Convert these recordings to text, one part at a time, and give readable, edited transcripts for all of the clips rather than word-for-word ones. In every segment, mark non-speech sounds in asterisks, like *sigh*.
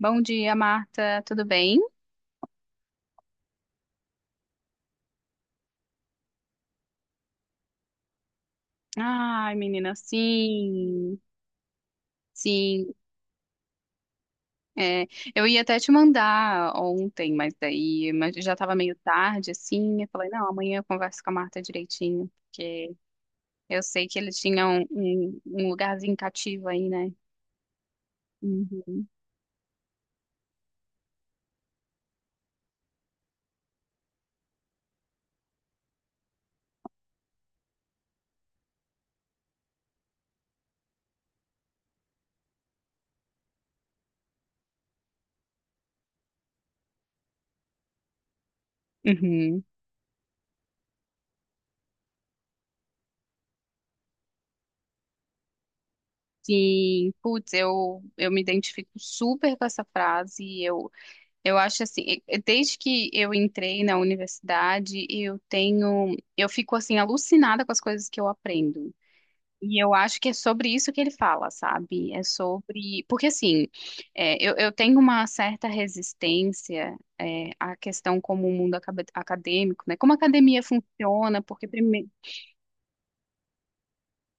Bom dia, Marta. Tudo bem? Ai, menina, sim. Sim, é, eu ia até te mandar ontem, mas daí já estava meio tarde, assim. Eu falei, não, amanhã eu converso com a Marta direitinho, porque eu sei que ele tinha um lugarzinho cativo aí, né? Uhum. Uhum. Sim, putz, eu me identifico super com essa frase. Eu acho assim, e desde que eu entrei na universidade, eu tenho, eu fico assim alucinada com as coisas que eu aprendo. E eu acho que é sobre isso que ele fala, sabe? É sobre, porque assim, eu tenho uma certa resistência, à questão como o mundo acadêmico, né? Como a academia funciona, porque primeiro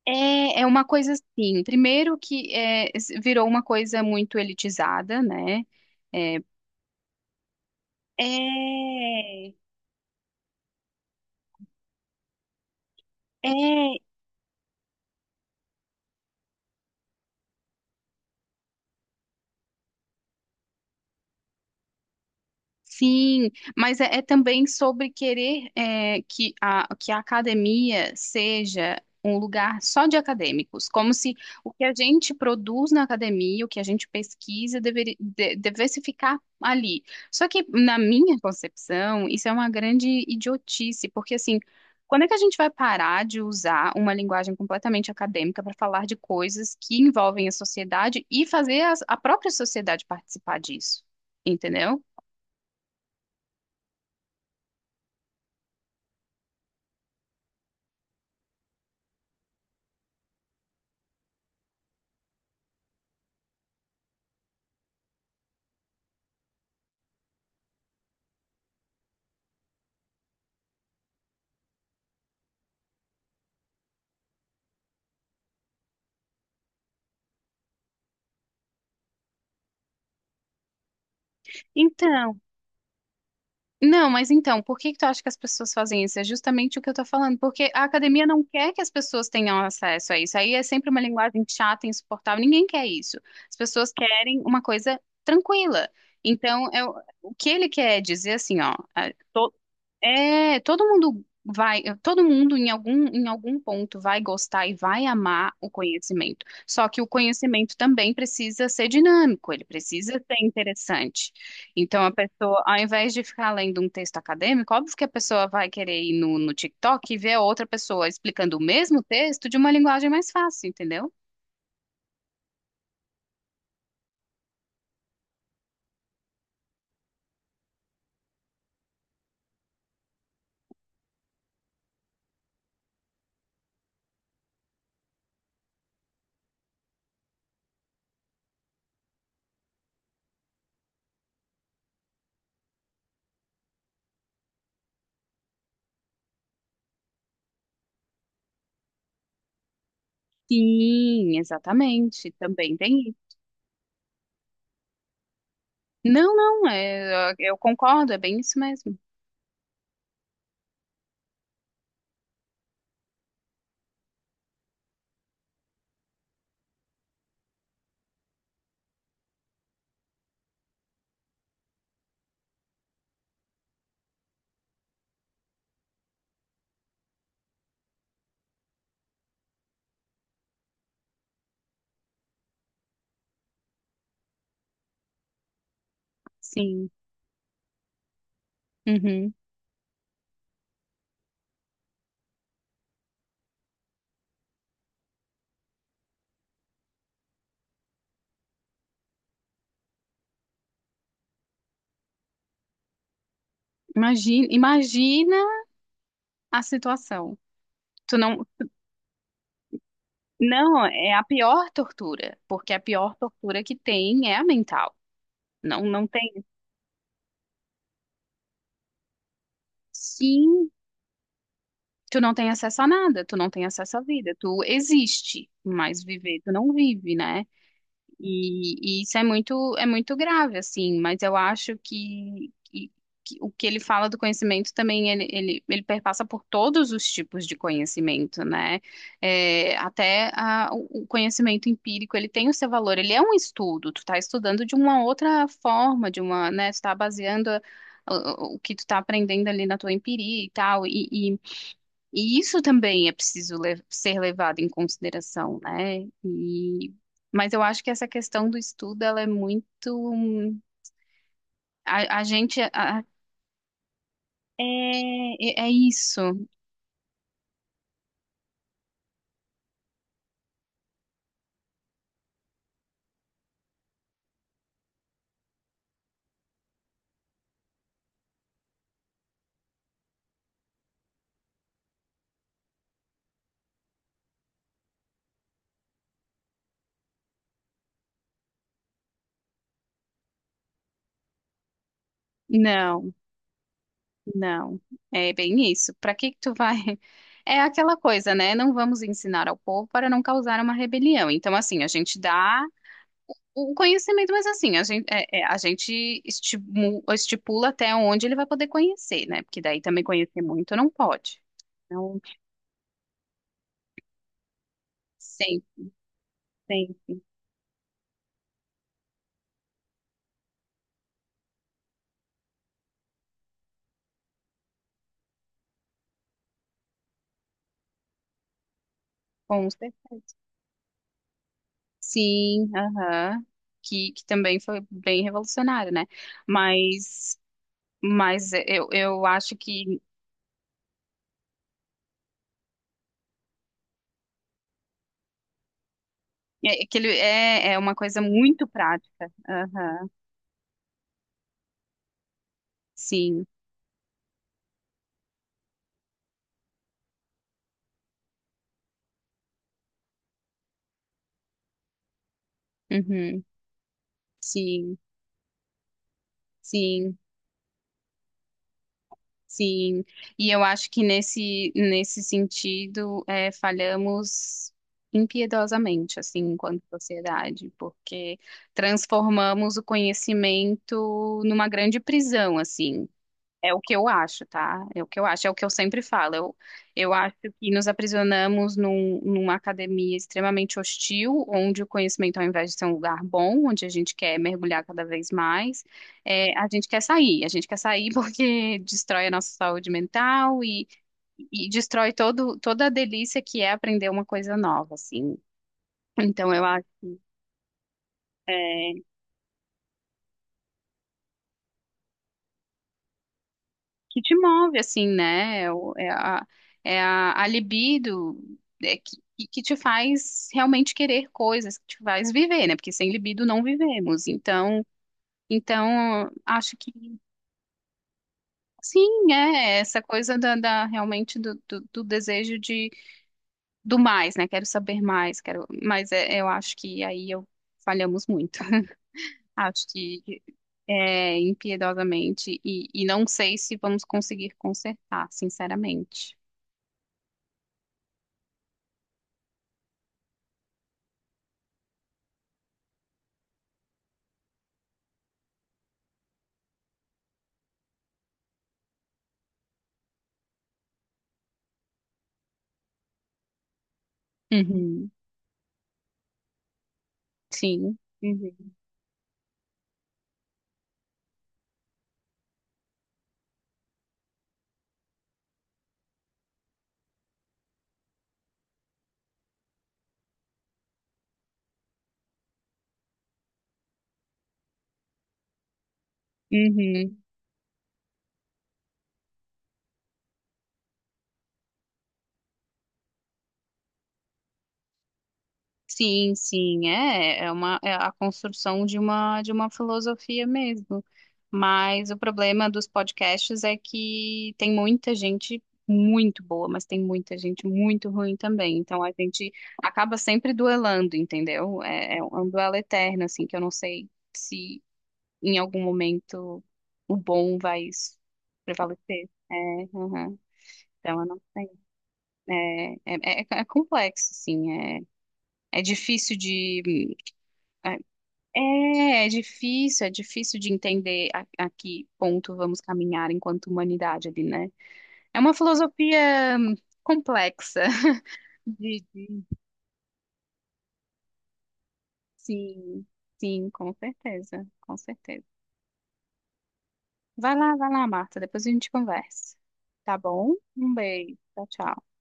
é uma coisa assim, primeiro que virou uma coisa muito elitizada, né? É, é, é. Sim, mas é também sobre querer que a academia seja um lugar só de acadêmicos, como se o que a gente produz na academia, o que a gente pesquisa, devesse ficar ali. Só que, na minha concepção, isso é uma grande idiotice, porque assim, quando é que a gente vai parar de usar uma linguagem completamente acadêmica para falar de coisas que envolvem a sociedade e fazer a própria sociedade participar disso? Entendeu? Então, não, mas então, por que que tu acha que as pessoas fazem isso? É justamente o que eu tô falando, porque a academia não quer que as pessoas tenham acesso a isso. Aí é sempre uma linguagem chata, insuportável, ninguém quer isso. As pessoas querem uma coisa tranquila. Então, é o que ele quer dizer assim, ó, todo mundo vai, todo mundo em algum ponto vai gostar e vai amar o conhecimento. Só que o conhecimento também precisa ser dinâmico, ele precisa ser interessante. Então, a pessoa, ao invés de ficar lendo um texto acadêmico, óbvio que a pessoa vai querer ir no TikTok e ver outra pessoa explicando o mesmo texto de uma linguagem mais fácil, entendeu? Sim, exatamente. Também tem isso. Não, não, eu concordo, é bem isso mesmo. Sim. Uhum. Imagina, imagina a situação. Tu não, não, é a pior tortura, porque a pior tortura que tem é a mental. Não, não tem. Sim, tu não tem acesso a nada, tu não tem acesso à vida, tu existe, mas viver tu não vive, né? E isso é muito grave, assim, mas eu acho que, que o que ele fala do conhecimento também, ele perpassa por todos os tipos de conhecimento, né? É, até o o conhecimento empírico, ele tem o seu valor, ele é um estudo, tu tá estudando de uma outra forma, de uma, né, tu tá baseando o que tu tá aprendendo ali na tua empiria e tal, e isso também é preciso ser levado em consideração, né? E, mas eu acho que essa questão do estudo, ela é muito... A, a gente... a- é, é isso. Não, não. É bem isso. Para que que tu vai... *laughs* É aquela coisa, né? Não vamos ensinar ao povo para não causar uma rebelião. Então, assim, a gente dá o conhecimento, mas assim, a gente, a gente estipula até onde ele vai poder conhecer, né? Porque daí também conhecer muito não pode. Então, sim, sim, com certeza. Sim, aham. Que também foi bem revolucionário, né? Mas, mas eu acho que, é, é que ele é, é uma coisa muito prática. Aham, sim, uhum, sim, sim. Sim, e eu acho que nesse, nesse sentido é, falhamos impiedosamente, assim, enquanto sociedade, porque transformamos o conhecimento numa grande prisão, assim. É o que eu acho, tá? É o que eu acho, é o que eu sempre falo. Eu acho que nos aprisionamos numa academia extremamente hostil, onde o conhecimento, ao invés de ser um lugar bom, onde a gente quer mergulhar cada vez mais, a gente quer sair. A gente quer sair *laughs* porque destrói a nossa saúde mental e destrói todo, toda a delícia que é aprender uma coisa nova, assim. Então, eu acho. É, que te move, assim, né? É, é a, é a libido é, que, que te faz realmente querer coisas, que te faz viver, né? Porque sem libido não vivemos. Então, então acho que sim, é essa coisa realmente do desejo de do mais, né? Quero saber mais, quero, mas eu acho que aí eu falhamos muito. *laughs* Acho que é impiedosamente e não sei se vamos conseguir consertar, sinceramente. Uhum. Sim. Uhum. Uhum. Sim, sim, é, é uma é a construção de uma filosofia mesmo. Mas o problema dos podcasts é que tem muita gente muito boa, mas tem muita gente muito ruim também. Então a gente acaba sempre duelando, entendeu? É, é um duelo eterno, assim, que eu não sei se em algum momento o bom vai prevalecer. É, uhum. Então eu não sei. É complexo, assim, é, é difícil de... É, é difícil, é difícil de entender a que ponto vamos caminhar enquanto humanidade ali, né? É uma filosofia complexa. *laughs* De- Sim, sim, com certeza, com certeza. Vai lá, Marta, depois a gente conversa. Tá bom? Um beijo, tchau, tchau.